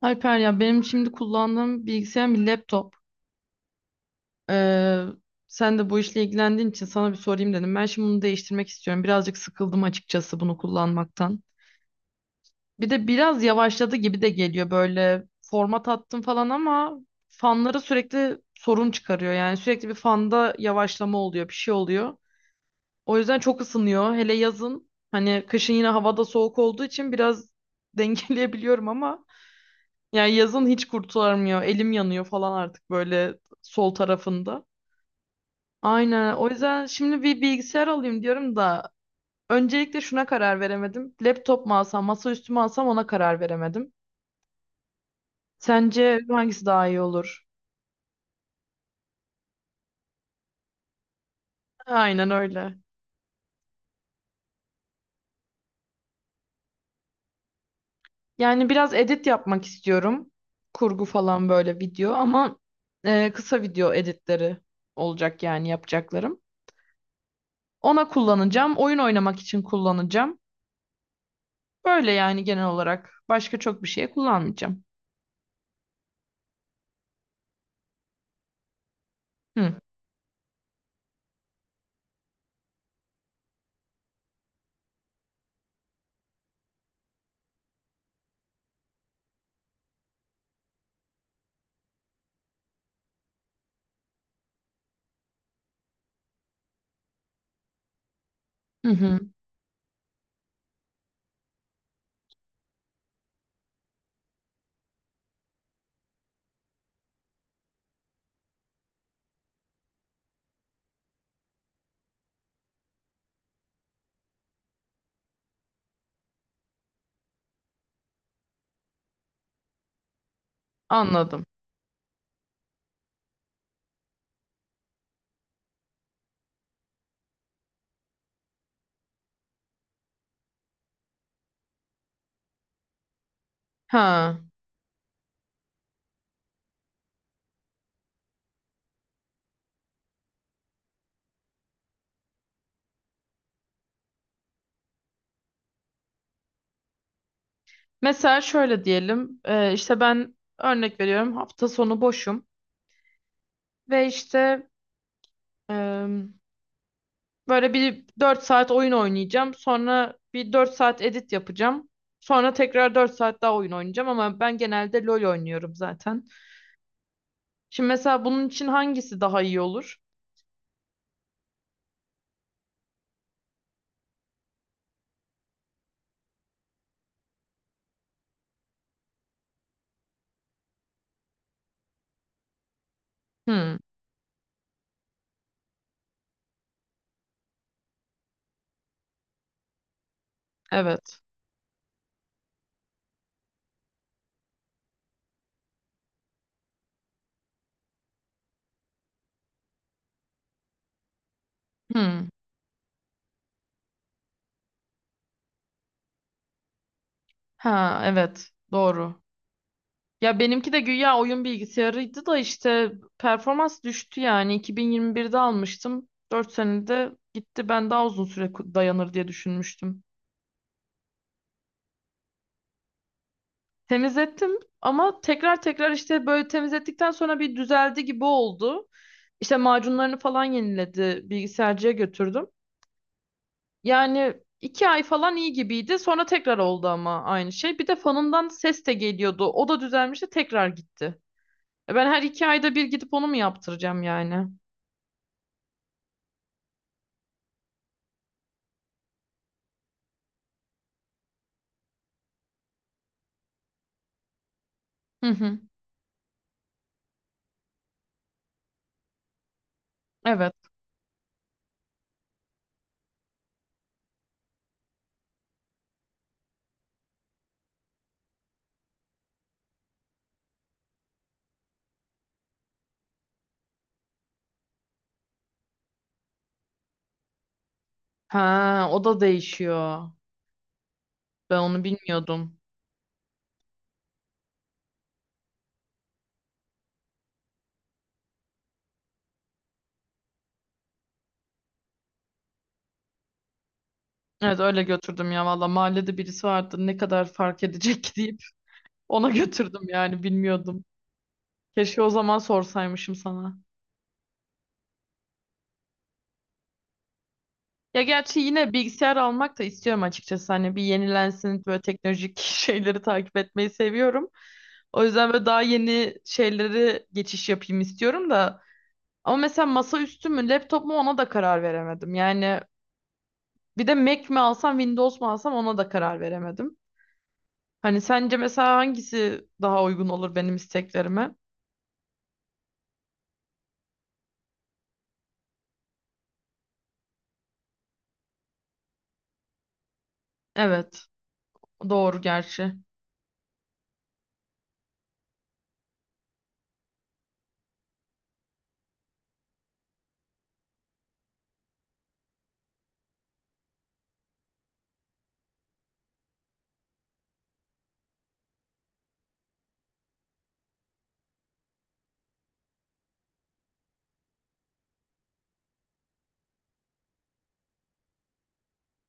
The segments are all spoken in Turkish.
Alper ya benim şimdi kullandığım bilgisayarım bir laptop. Ee, sen de bu işle ilgilendiğin için sana bir sorayım dedim. Ben şimdi bunu değiştirmek istiyorum. Birazcık sıkıldım açıkçası bunu kullanmaktan. Bir de biraz yavaşladı gibi de geliyor böyle format attım falan ama fanları sürekli sorun çıkarıyor. Yani sürekli bir fanda yavaşlama oluyor, bir şey oluyor. O yüzden çok ısınıyor. Hele yazın hani kışın yine havada soğuk olduğu için biraz dengeleyebiliyorum ama yani yazın hiç kurtulamıyor. Elim yanıyor falan artık böyle sol tarafında. Aynen. O yüzden şimdi bir bilgisayar alayım diyorum da öncelikle şuna karar veremedim. Laptop mu alsam, masaüstü mü alsam ona karar veremedim. Sence hangisi daha iyi olur? Aynen öyle. Yani biraz edit yapmak istiyorum. Kurgu falan böyle video ama kısa video editleri olacak yani yapacaklarım. Ona kullanacağım. Oyun oynamak için kullanacağım. Böyle yani genel olarak. Başka çok bir şeye kullanmayacağım. Hı. Hı hı. Anladım. Ha. Mesela şöyle diyelim. İşte ben örnek veriyorum hafta sonu boşum ve işte e, böyle bir 4 saat oyun oynayacağım. Sonra bir 4 saat edit yapacağım. Sonra tekrar 4 saat daha oyun oynayacağım ama ben genelde LoL oynuyorum zaten. Şimdi mesela bunun için hangisi daha iyi olur? Hı. Evet. Hı. Ha, evet. Doğru. Ya benimki de güya oyun bilgisayarıydı da işte performans düştü yani. 2021'de almıştım. 4 senede gitti. Ben daha uzun süre dayanır diye düşünmüştüm. Temizlettim ama tekrar tekrar işte böyle temizlettikten sonra bir düzeldi gibi oldu. İşte macunlarını falan yeniledi. Bilgisayarcıya götürdüm. Yani 2 ay falan iyi gibiydi. Sonra tekrar oldu ama aynı şey. Bir de fanından ses de geliyordu. O da düzelmişti, tekrar gitti. Ben her 2 ayda bir gidip onu mu yaptıracağım yani? Hı hı. Evet. Ha, o da değişiyor. Ben onu bilmiyordum. Evet öyle götürdüm ya, valla mahallede birisi vardı, ne kadar fark edecek ki deyip ona götürdüm yani, bilmiyordum. Keşke o zaman sorsaymışım sana. Ya gerçi yine bilgisayar almak da istiyorum açıkçası, hani bir yenilensin böyle, teknolojik şeyleri takip etmeyi seviyorum. O yüzden böyle daha yeni şeyleri geçiş yapayım istiyorum da. Ama mesela masaüstü mü laptop mu ona da karar veremedim. Yani bir de Mac mi alsam Windows mu alsam ona da karar veremedim. Hani sence mesela hangisi daha uygun olur benim isteklerime? Evet, doğru gerçi.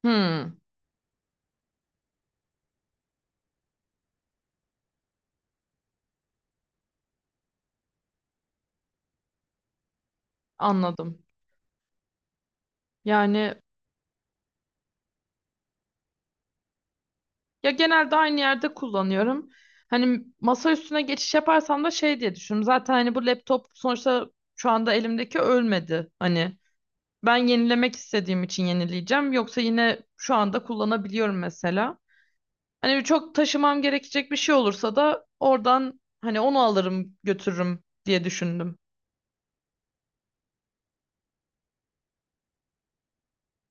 Hmm, anladım. Yani ya, genelde aynı yerde kullanıyorum. Hani masa üstüne geçiş yaparsam da şey diye düşünüyorum. Zaten hani bu laptop sonuçta şu anda elimdeki ölmedi. Hani ben yenilemek istediğim için yenileyeceğim. Yoksa yine şu anda kullanabiliyorum mesela. Hani çok taşımam gerekecek bir şey olursa da oradan hani onu alırım götürürüm diye düşündüm.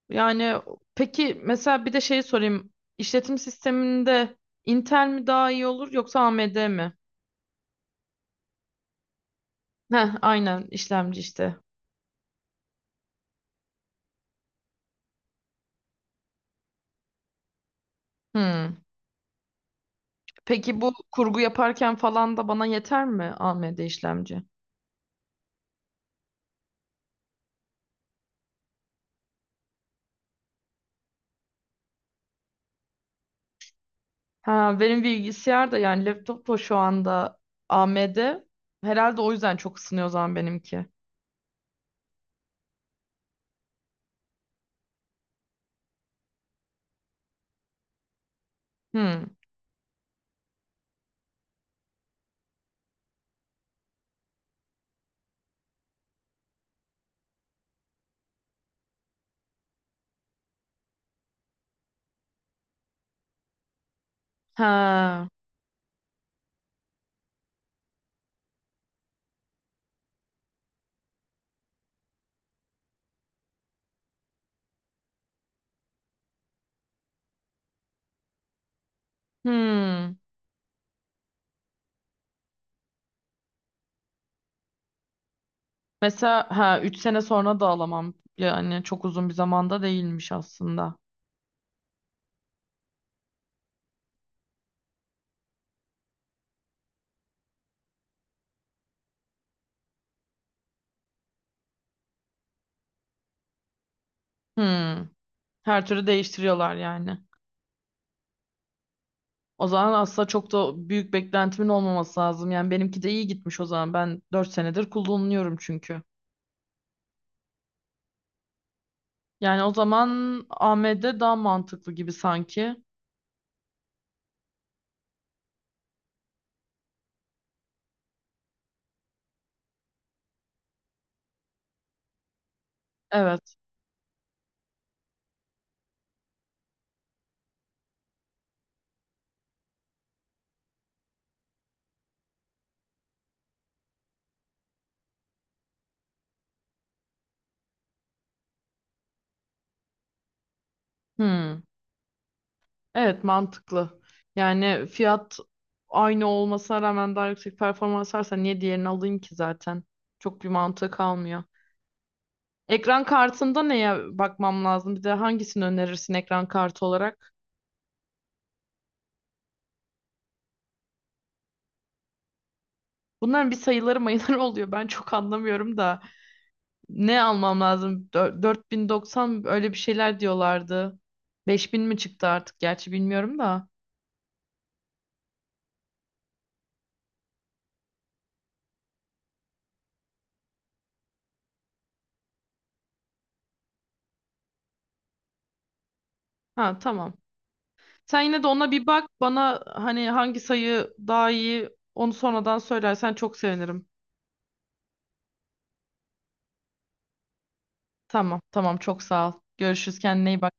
Yani peki, mesela bir de şey sorayım. İşletim sisteminde Intel mi daha iyi olur yoksa AMD mi? Heh, aynen işlemci işte. Hmm. Peki bu kurgu yaparken falan da bana yeter mi AMD işlemci? Ha, benim bilgisayar da yani laptop da şu anda AMD. Herhalde o yüzden çok ısınıyor o zaman benimki. Hmm. Ha. Hmm. Mesela ha, 3 sene sonra da alamam. Yani çok uzun bir zamanda değilmiş aslında. Hmm. Her türlü değiştiriyorlar yani. O zaman aslında çok da büyük beklentimin olmaması lazım. Yani benimki de iyi gitmiş o zaman. Ben 4 senedir kullanıyorum çünkü. Yani o zaman AMD daha mantıklı gibi sanki. Evet. Hmm. Evet, mantıklı. Yani fiyat aynı olmasına rağmen daha yüksek performans varsa niye diğerini alayım ki zaten? Çok bir mantığı kalmıyor. Ekran kartında neye bakmam lazım? Bir de hangisini önerirsin ekran kartı olarak? Bunların bir sayıları mayıları oluyor. Ben çok anlamıyorum da. Ne almam lazım? 4090, öyle bir şeyler diyorlardı. 5000 mi çıktı artık, gerçi bilmiyorum da. Ha tamam. Sen yine de ona bir bak. Bana hani hangi sayı daha iyi, onu sonradan söylersen çok sevinirim. Tamam tamam, çok sağ ol. Görüşürüz, kendine iyi bak.